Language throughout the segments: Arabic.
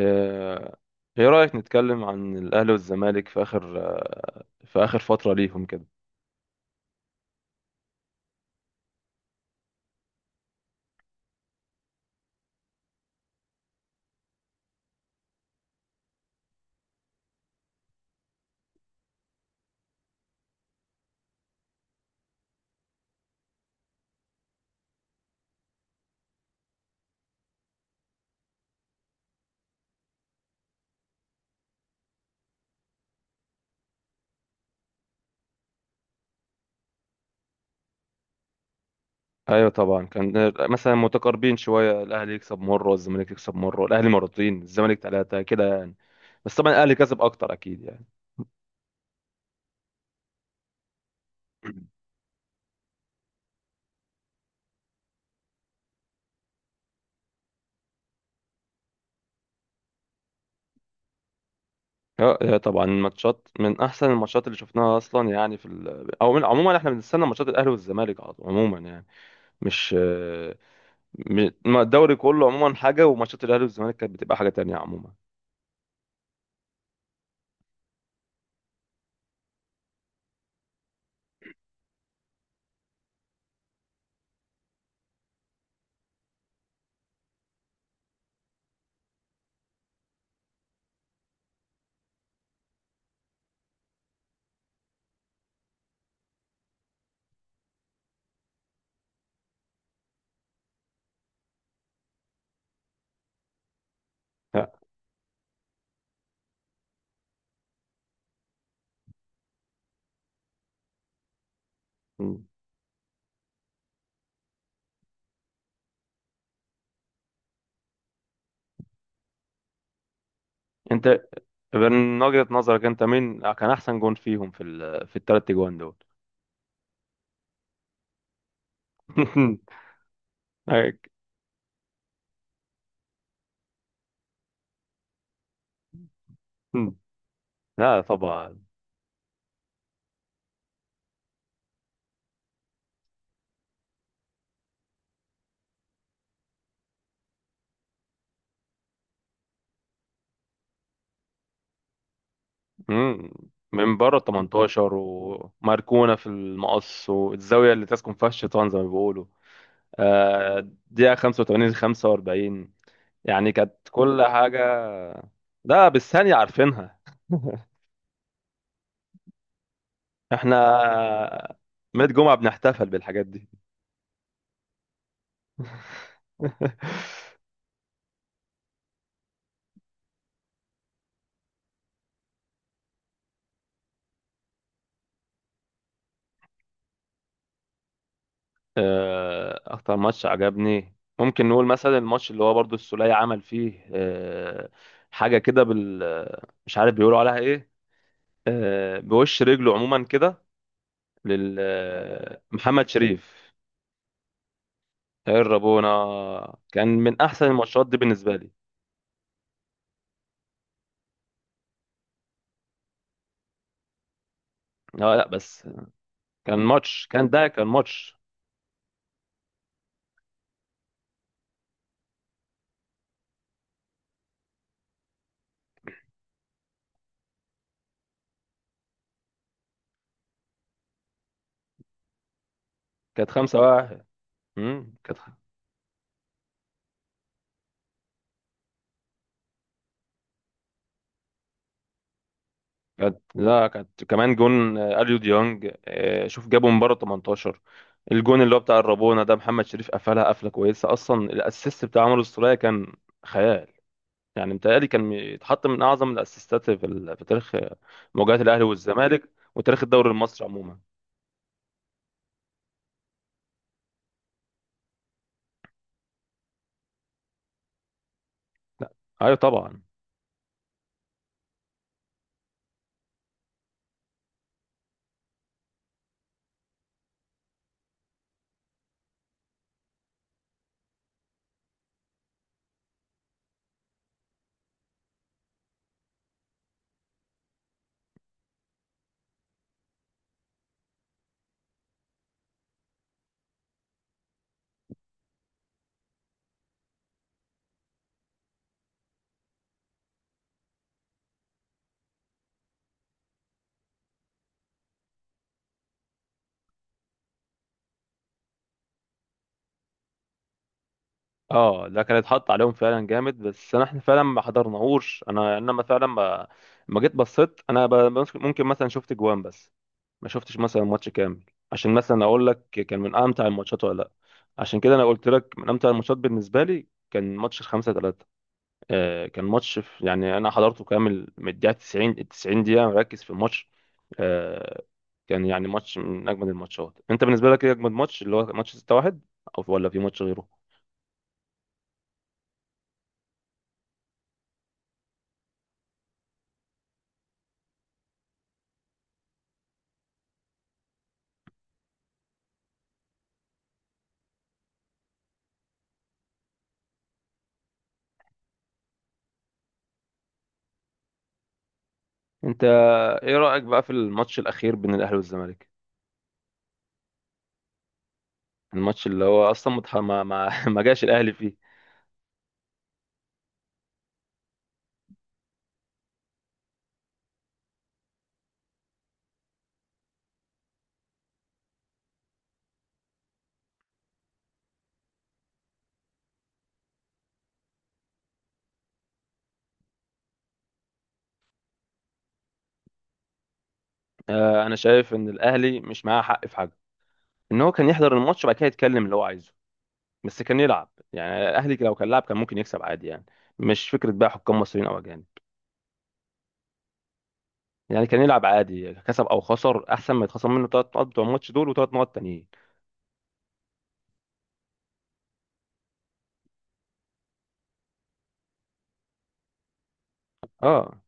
آه، ايه رأيك نتكلم عن الاهلي والزمالك في اخر آه، في اخر فترة ليهم كده. ايوه طبعا، كان مثلا متقاربين شوية، الاهلي يكسب مرة والزمالك يكسب مرة، الاهلي مرتين الزمالك ثلاثة كده يعني. بس طبعا الاهلي كسب اكتر اكيد يعني. اه، طبعا الماتشات من احسن الماتشات اللي شفناها اصلا يعني في ال... او من... عموما احنا بنستنى ماتشات الاهلي والزمالك على طول عموما يعني. مش آه، م- ما الدوري كله عموما حاجة، وماتشات الاهلي والزمالك كانت بتبقى حاجة تانية عموما. ها. انت من وجهة نظرك انت مين كان احسن جون فيهم في الثلاث جوان دول؟ هيك. لا طبعا. مم. من بره 18 وماركونا في المقص والزاويه اللي تسكن فيها الشيطان زي ما بيقولوا. دقيقه 85 45. يعني كانت كل حاجه. لا، بالثانيه عارفينها احنا. ميت جمعه بنحتفل بالحاجات دي. اكتر ماتش عجبني ممكن نقول مثلا الماتش اللي هو برضو السولية عمل فيه حاجة كده بال آه، مش عارف بيقولوا عليها ايه. بوش رجله عموما كده لل آه، محمد شريف. الربونة. كان من احسن الماتشات دي بالنسبة لي. لا، لا، بس. كان ماتش. كانت خمسة واحد. كانت كانت لا كانت كمان جون اليو ديونج، شوف جابه من بره 18. الجون اللي هو بتاع الرابونة ده محمد شريف قفلها قفله كويسه اصلا. الاسيست بتاع عمرو السولية كان خيال. يعني متهيألي كان يتحط من اعظم الاسيستات في تاريخ مواجهات الاهلي والزمالك وتاريخ الدوري المصري عموما. لا. ايوه طبعا. اه، ده كان اتحط عليهم فعلا جامد، بس انا احنا فعلا ما حضرناهوش. انا ما فعلا ما ما جيت بصيت انا، ممكن مثلا شفت جوان بس، ما شفتش مثلا ماتش كامل، عشان مثلا اقول لك كان من امتع الماتشات ولا لا. عشان كده انا قلت لك من امتع الماتشات بالنسبه لي كان ماتش الخمسة ثلاثة. كان ماتش، في يعني انا حضرته كامل، من الدقيقه 90، ال 90 دقيقه مركز في الماتش. آه كان يعني ماتش من اجمد الماتشات. انت بالنسبه لك ايه اجمد ماتش، اللي هو ماتش 6-1 او ولا في ماتش غيره؟ انت ايه رايك بقى في الماتش الاخير بين الاهلي والزمالك، الماتش اللي هو اصلا متح- ما ما ما جاش الاهلي فيه؟ انا شايف ان الاهلي مش معاه حق في حاجه. ان هو كان يحضر الماتش وبعد كده يتكلم اللي هو عايزه، بس كان يلعب. يعني الاهلي لو كان لعب كان ممكن يكسب عادي يعني، مش فكره بقى حكام مصريين او اجانب. يعني كان يلعب عادي، كسب او خسر احسن ما يتخصم منه ثلاث نقط بتوع الماتش دول وثلاث نقط تانيين. اه.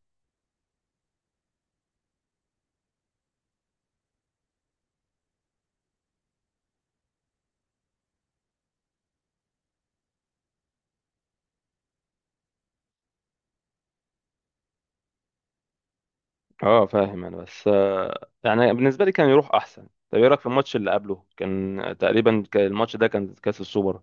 اه، فاهم انا، بس يعني بالنسبه لي كان يروح احسن. طب ايه رايك في الماتش اللي قبله؟ كان تقريبا كان الماتش ده كان كاس السوبر.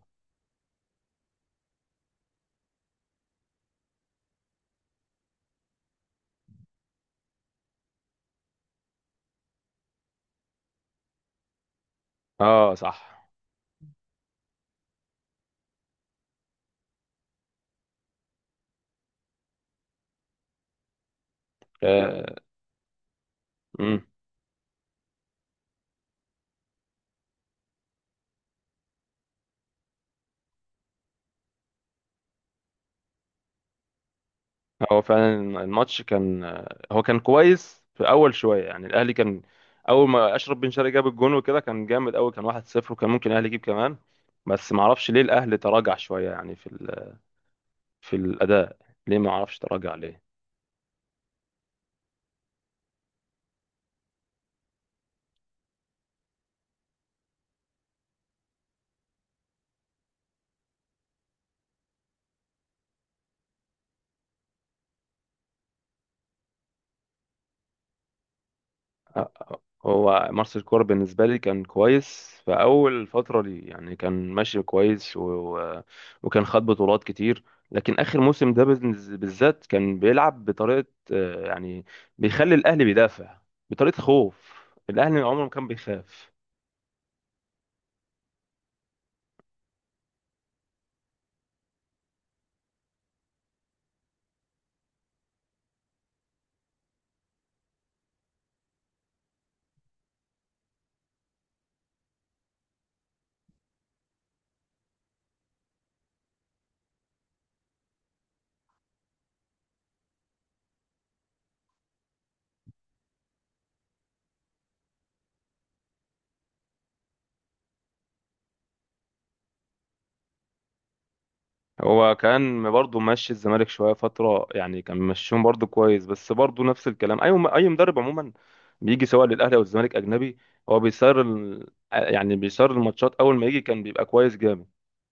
اه صح. امم هو فعلا. الماتش كان هو كان كويس في اول شويه، يعني الاهلي كان اول ما اشرف بن شرقي جاب الجون وكده كان جامد قوي، كان 1-0 وكان ممكن الاهلي يجيب كمان، بس ما اعرفش ليه الاهلي تراجع شويه يعني في الاداء. ليه ما اعرفش، تراجع ليه. أ- هو مارس الكورة بالنسبة لي كان كويس في أول فترة لي، يعني كان ماشي كويس، وكان خد بطولات كتير. لكن آخر موسم ده بالذات كان بيلعب بطريقة يعني بيخلي الأهلي بيدافع بطريقة خوف. الأهلي عمره ما كان بيخاف. هو كان برضه ماشي الزمالك شويه فتره، يعني كان ماشيهم برضه كويس، بس برضه نفس الكلام، اي مدرب عموما بيجي سواء للاهلي او الزمالك اجنبي، هو يعني بيسير الماتشات اول ما يجي كان بيبقى كويس جامد.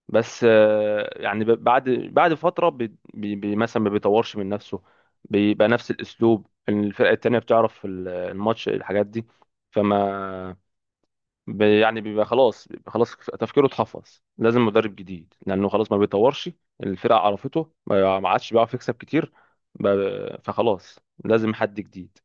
بس يعني بعد فتره مثلا ما بيطورش من نفسه، بيبقى نفس الاسلوب، الفرقه التانيه بتعرف الماتش الحاجات دي. فما يعني بيبقى خلاص تفكيره اتحفظ، لازم مدرب جديد، لانه خلاص ما بيطورش، الفرقه عرفته، ما ما عادش بيعرف يكسب كتير. فخلاص لازم حد جديد.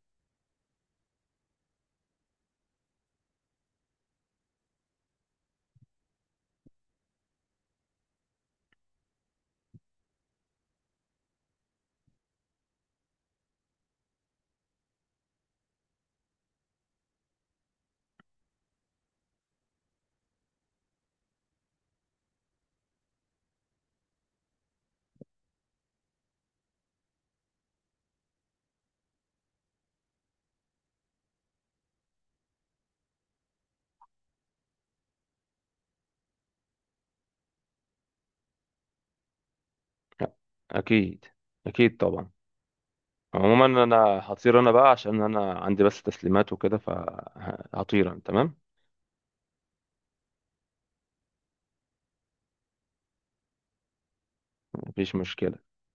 اكيد. اكيد طبعا. عموما انا هطير انا بقى عشان انا عندي بس تسليمات وكده، فهطير انا. تمام. مفيش مشكله.